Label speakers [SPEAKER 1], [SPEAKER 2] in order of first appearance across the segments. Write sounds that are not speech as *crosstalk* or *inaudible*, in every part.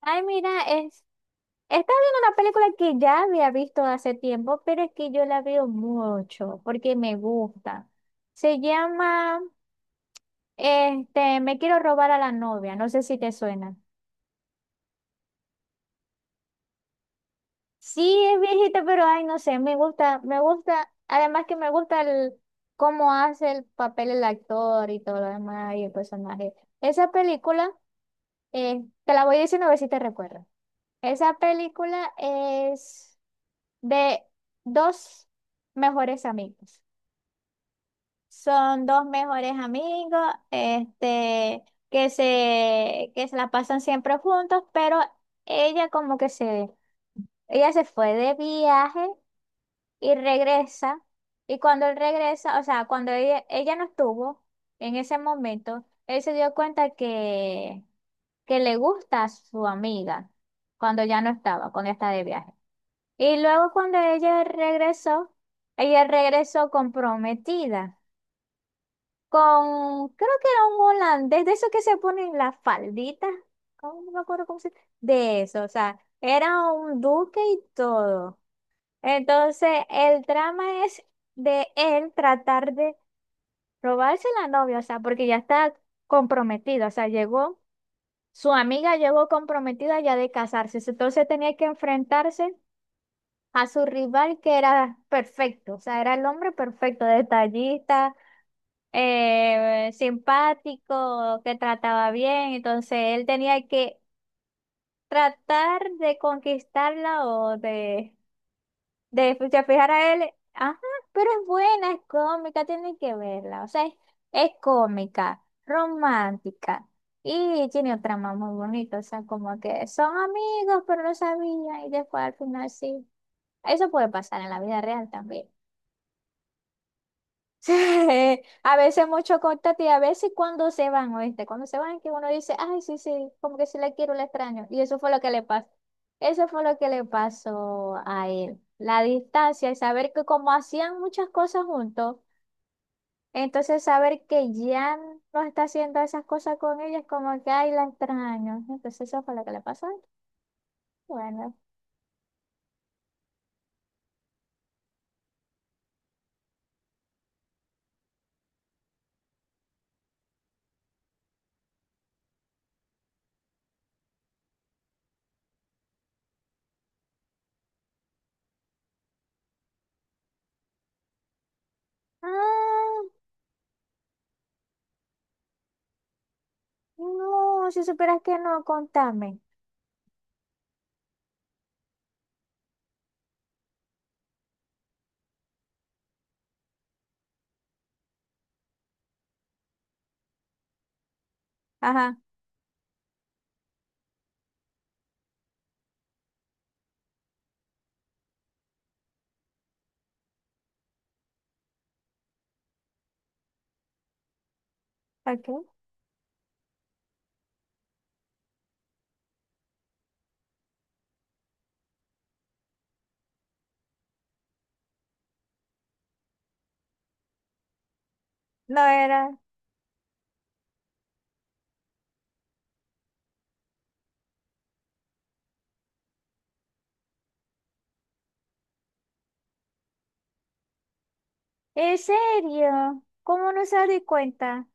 [SPEAKER 1] Ay, mira, es, estaba viendo una película que ya había visto hace tiempo, pero es que yo la veo mucho porque me gusta. Se llama, Me quiero robar a la novia, no sé si te suena. Sí, es viejita, pero ay, no sé, me gusta, además que me gusta el cómo hace el papel el actor y todo lo demás y el personaje. Esa película, eh, te la voy a decir a ver si te recuerdas. Esa película es de dos mejores amigos. Son dos mejores amigos, este, que se la pasan siempre juntos, pero ella como que se, ella se fue de viaje y regresa. Y cuando él regresa, o sea, cuando ella no estuvo en ese momento, él se dio cuenta que le gusta a su amiga cuando ya no estaba, cuando está de viaje. Y luego cuando ella regresó comprometida con, creo que era un holandés, de esos que se ponen la faldita, ¿cómo? No me acuerdo cómo se De eso, o sea, era un duque y todo. Entonces, el drama es de él tratar de robarse la novia, o sea, porque ya está comprometida, o sea, llegó, su amiga llegó comprometida ya de casarse, entonces tenía que enfrentarse a su rival que era perfecto, o sea, era el hombre perfecto, detallista, simpático, que trataba bien, entonces él tenía que tratar de conquistarla o de fijar a él, ajá, pero es buena, es cómica, tienen que verla. O sea, es cómica, romántica. Y tiene un trama muy bonito. O sea, como que son amigos, pero no sabían. Y después al final sí. Eso puede pasar en la vida real también sí *laughs* A veces mucho contacto y a veces cuando se van, ¿oíste? Cuando se van que uno dice, ay, sí, sí, como que si la quiero, la extraño. Y eso fue lo que le pasó. Eso fue lo que le pasó a él. La distancia y saber que como hacían muchas cosas juntos, entonces saber que ya no está haciendo esas cosas con ella es como que, ay, la extraño. Entonces eso fue lo que le pasó a él. Bueno. Ah, no, si supieras que no, contame. Ajá, ¿ok? No era. ¿En serio? ¿Cómo no se di cuenta?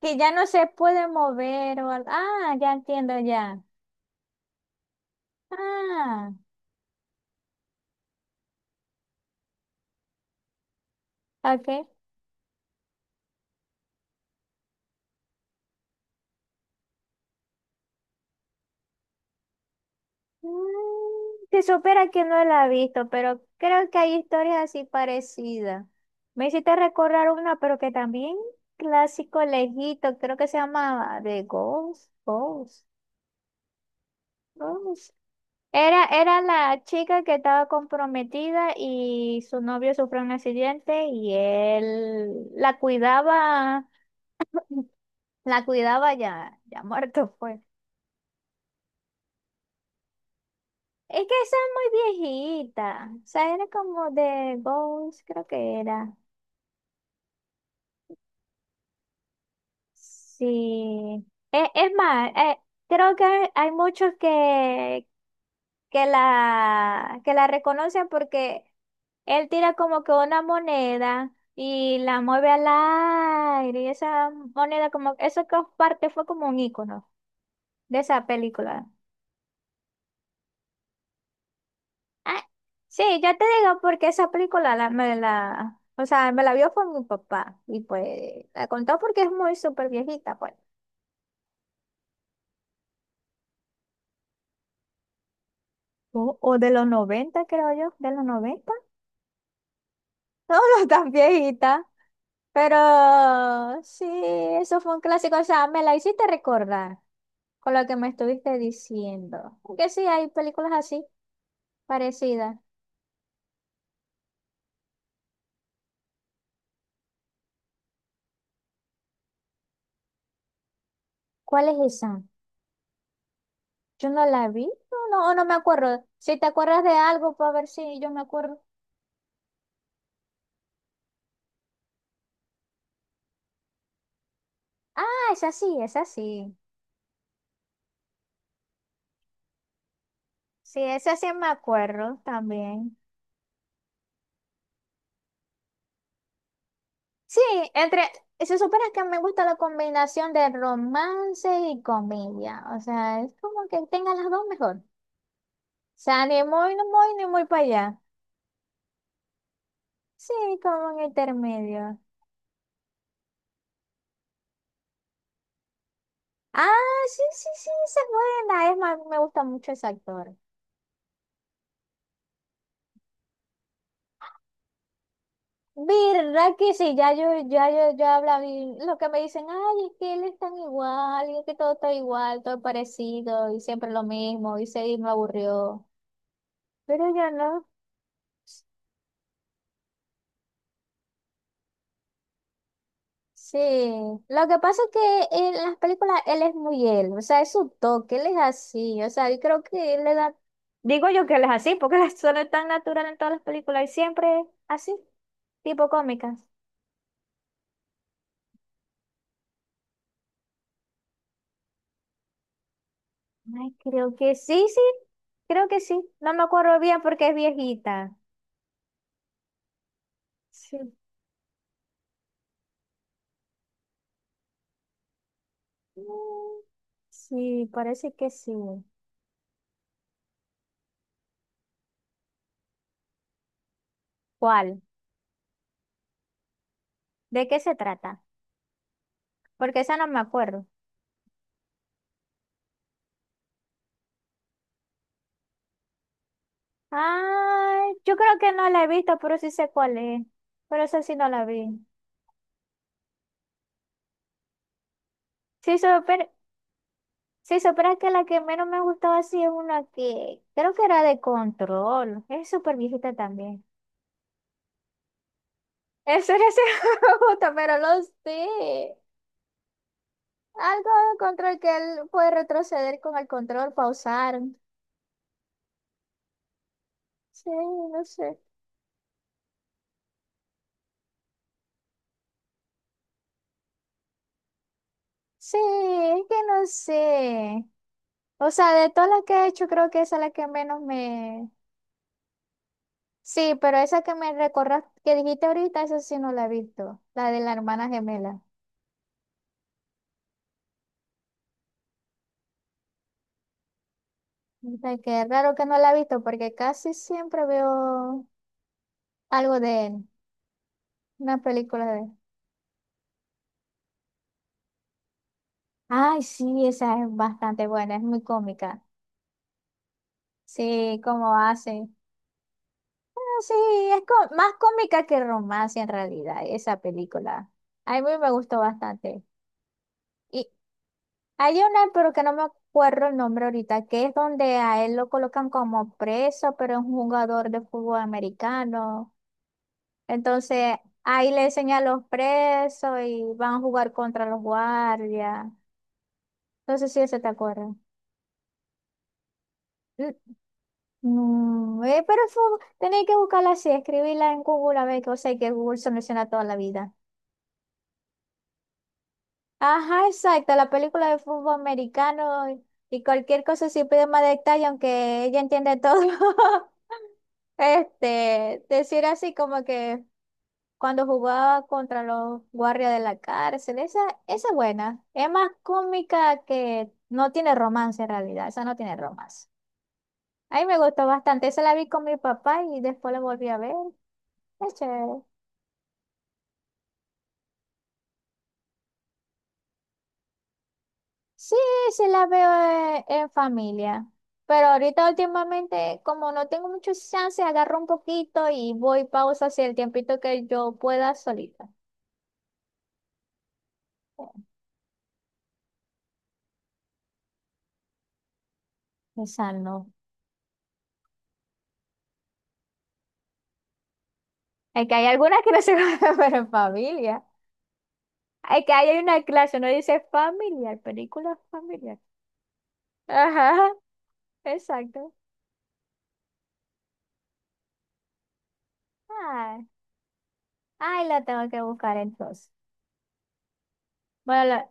[SPEAKER 1] Que ya no se puede mover o algo. Ah, ya entiendo ya. Ah, ok. Mm, que supera que no la he visto, pero creo que hay historias así parecidas. Me hiciste recordar una, pero que también clásico lejito, creo que se llama de Ghost. Era la chica que estaba comprometida y su novio sufrió un accidente y él la cuidaba ya, ya muerto fue. Es que esa es muy viejita, o sea, era como de Ghost, creo que era. Sí. Es más, creo que hay muchos que la reconocen porque él tira como que una moneda y la mueve al aire y esa moneda como, eso que parte fue como un icono de esa película. Ah, sí, yo te digo porque esa película la, me la, o sea, me la vio con mi papá y pues la contó porque es muy súper viejita, pues. O de los 90 creo yo, de los noventa. No, *laughs* no tan viejita, pero sí, eso fue un clásico. O sea, me la hiciste recordar con lo que me estuviste diciendo. Que sí, hay películas así, parecidas. ¿Cuál es esa? Yo no la vi, no, no, o no me acuerdo. Si te acuerdas de algo, para ver si yo me acuerdo. Ah, esa sí, esa sí. Sí, esa sí me acuerdo también. Sí, entre, se supone que me gusta la combinación de romance y comedia. O sea, es como que tenga las dos mejor. Sea, ni muy, no muy, ni muy para allá. Sí, como en intermedio. Ah, sí, sí, sí, esa es buena. Es más, me gusta mucho ese actor. ¿Verdad que sí? Ya yo hablaba y lo que me dicen, ay, es que él es tan igual, y es que todo está igual, todo es parecido, y siempre lo mismo, y se y me aburrió. Pero yo no. Sí, lo que pasa es que en las películas él es muy él, o sea, es su toque, él es así, o sea, yo creo que él le da, digo yo que él es así, porque *laughs* la suena tan natural en todas las películas y siempre es así, tipo cómicas. Ay, creo que sí, sí, creo que sí, no me acuerdo bien porque es viejita. Sí, Mm, sí, parece que sí. ¿Cuál? ¿De qué se trata? Porque esa no me acuerdo. Ah, yo creo que no la he visto, pero sí sé cuál es. Pero esa sí no la vi. Sí, super. Sí, supera que la que menos me ha gustado así es una que creo que era de control. Es súper viejita también. Eso era sí *laughs* me gusta, pero lo sé. Algo de control que él puede retroceder con el control, pausar. Sí, no sé. Sí, es que no sé. O sea, de todas las que he hecho, creo que esa es la que menos me, Sí, pero esa que me recordaste, que dijiste ahorita, esa sí no la he visto, la de la hermana gemela. Ay, qué raro que no la he visto, porque casi siempre veo algo de él, una película de él. Ay, sí, esa es bastante buena, es muy cómica. Sí, cómo hace. Ah, sí, es co- más cómica que romance en realidad, esa película. A mí me gustó bastante. Hay una, pero que no me acuerdo el nombre ahorita, que es donde a él lo colocan como preso, pero es un jugador de fútbol americano. Entonces, ahí le enseñan a los presos y van a jugar contra los guardias. Entonces, si se te acuerdas N- No, pero eso tenéis que buscarla así, escribirla en Google a ver qué o sea, que Google soluciona toda la vida. Ajá, exacto, la película de fútbol americano y cualquier cosa si pide más detalle, aunque ella entiende todo. *laughs* Este, decir así como que cuando jugaba contra los guardias de la cárcel, esa es buena. Es más cómica que no tiene romance en realidad, esa no tiene romance. A mí me gustó bastante, esa la vi con mi papá y después la volví a ver. Es chévere. Sí, sí la veo en familia, pero ahorita últimamente como no tengo muchos chances, agarro un poquito y voy pausa hacia el tiempito que yo pueda solita. Esa no. Es que hay algunas que no se guardan *laughs* pero en familia. Es que hay una clase, no dice familiar, película familiar. Ajá, exacto. Ay, ay, la tengo que buscar entonces. Bueno, la-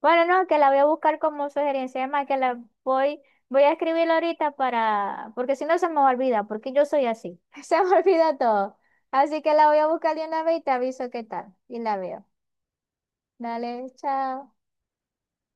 [SPEAKER 1] bueno, no, que la voy a buscar como sugerencia. Además, que la voy, voy a escribir ahorita para, porque si no se me olvida, porque yo soy así. *laughs* Se me olvida todo. Así que la voy a buscar de una vez y te aviso qué tal. Y la veo. Dale, chao.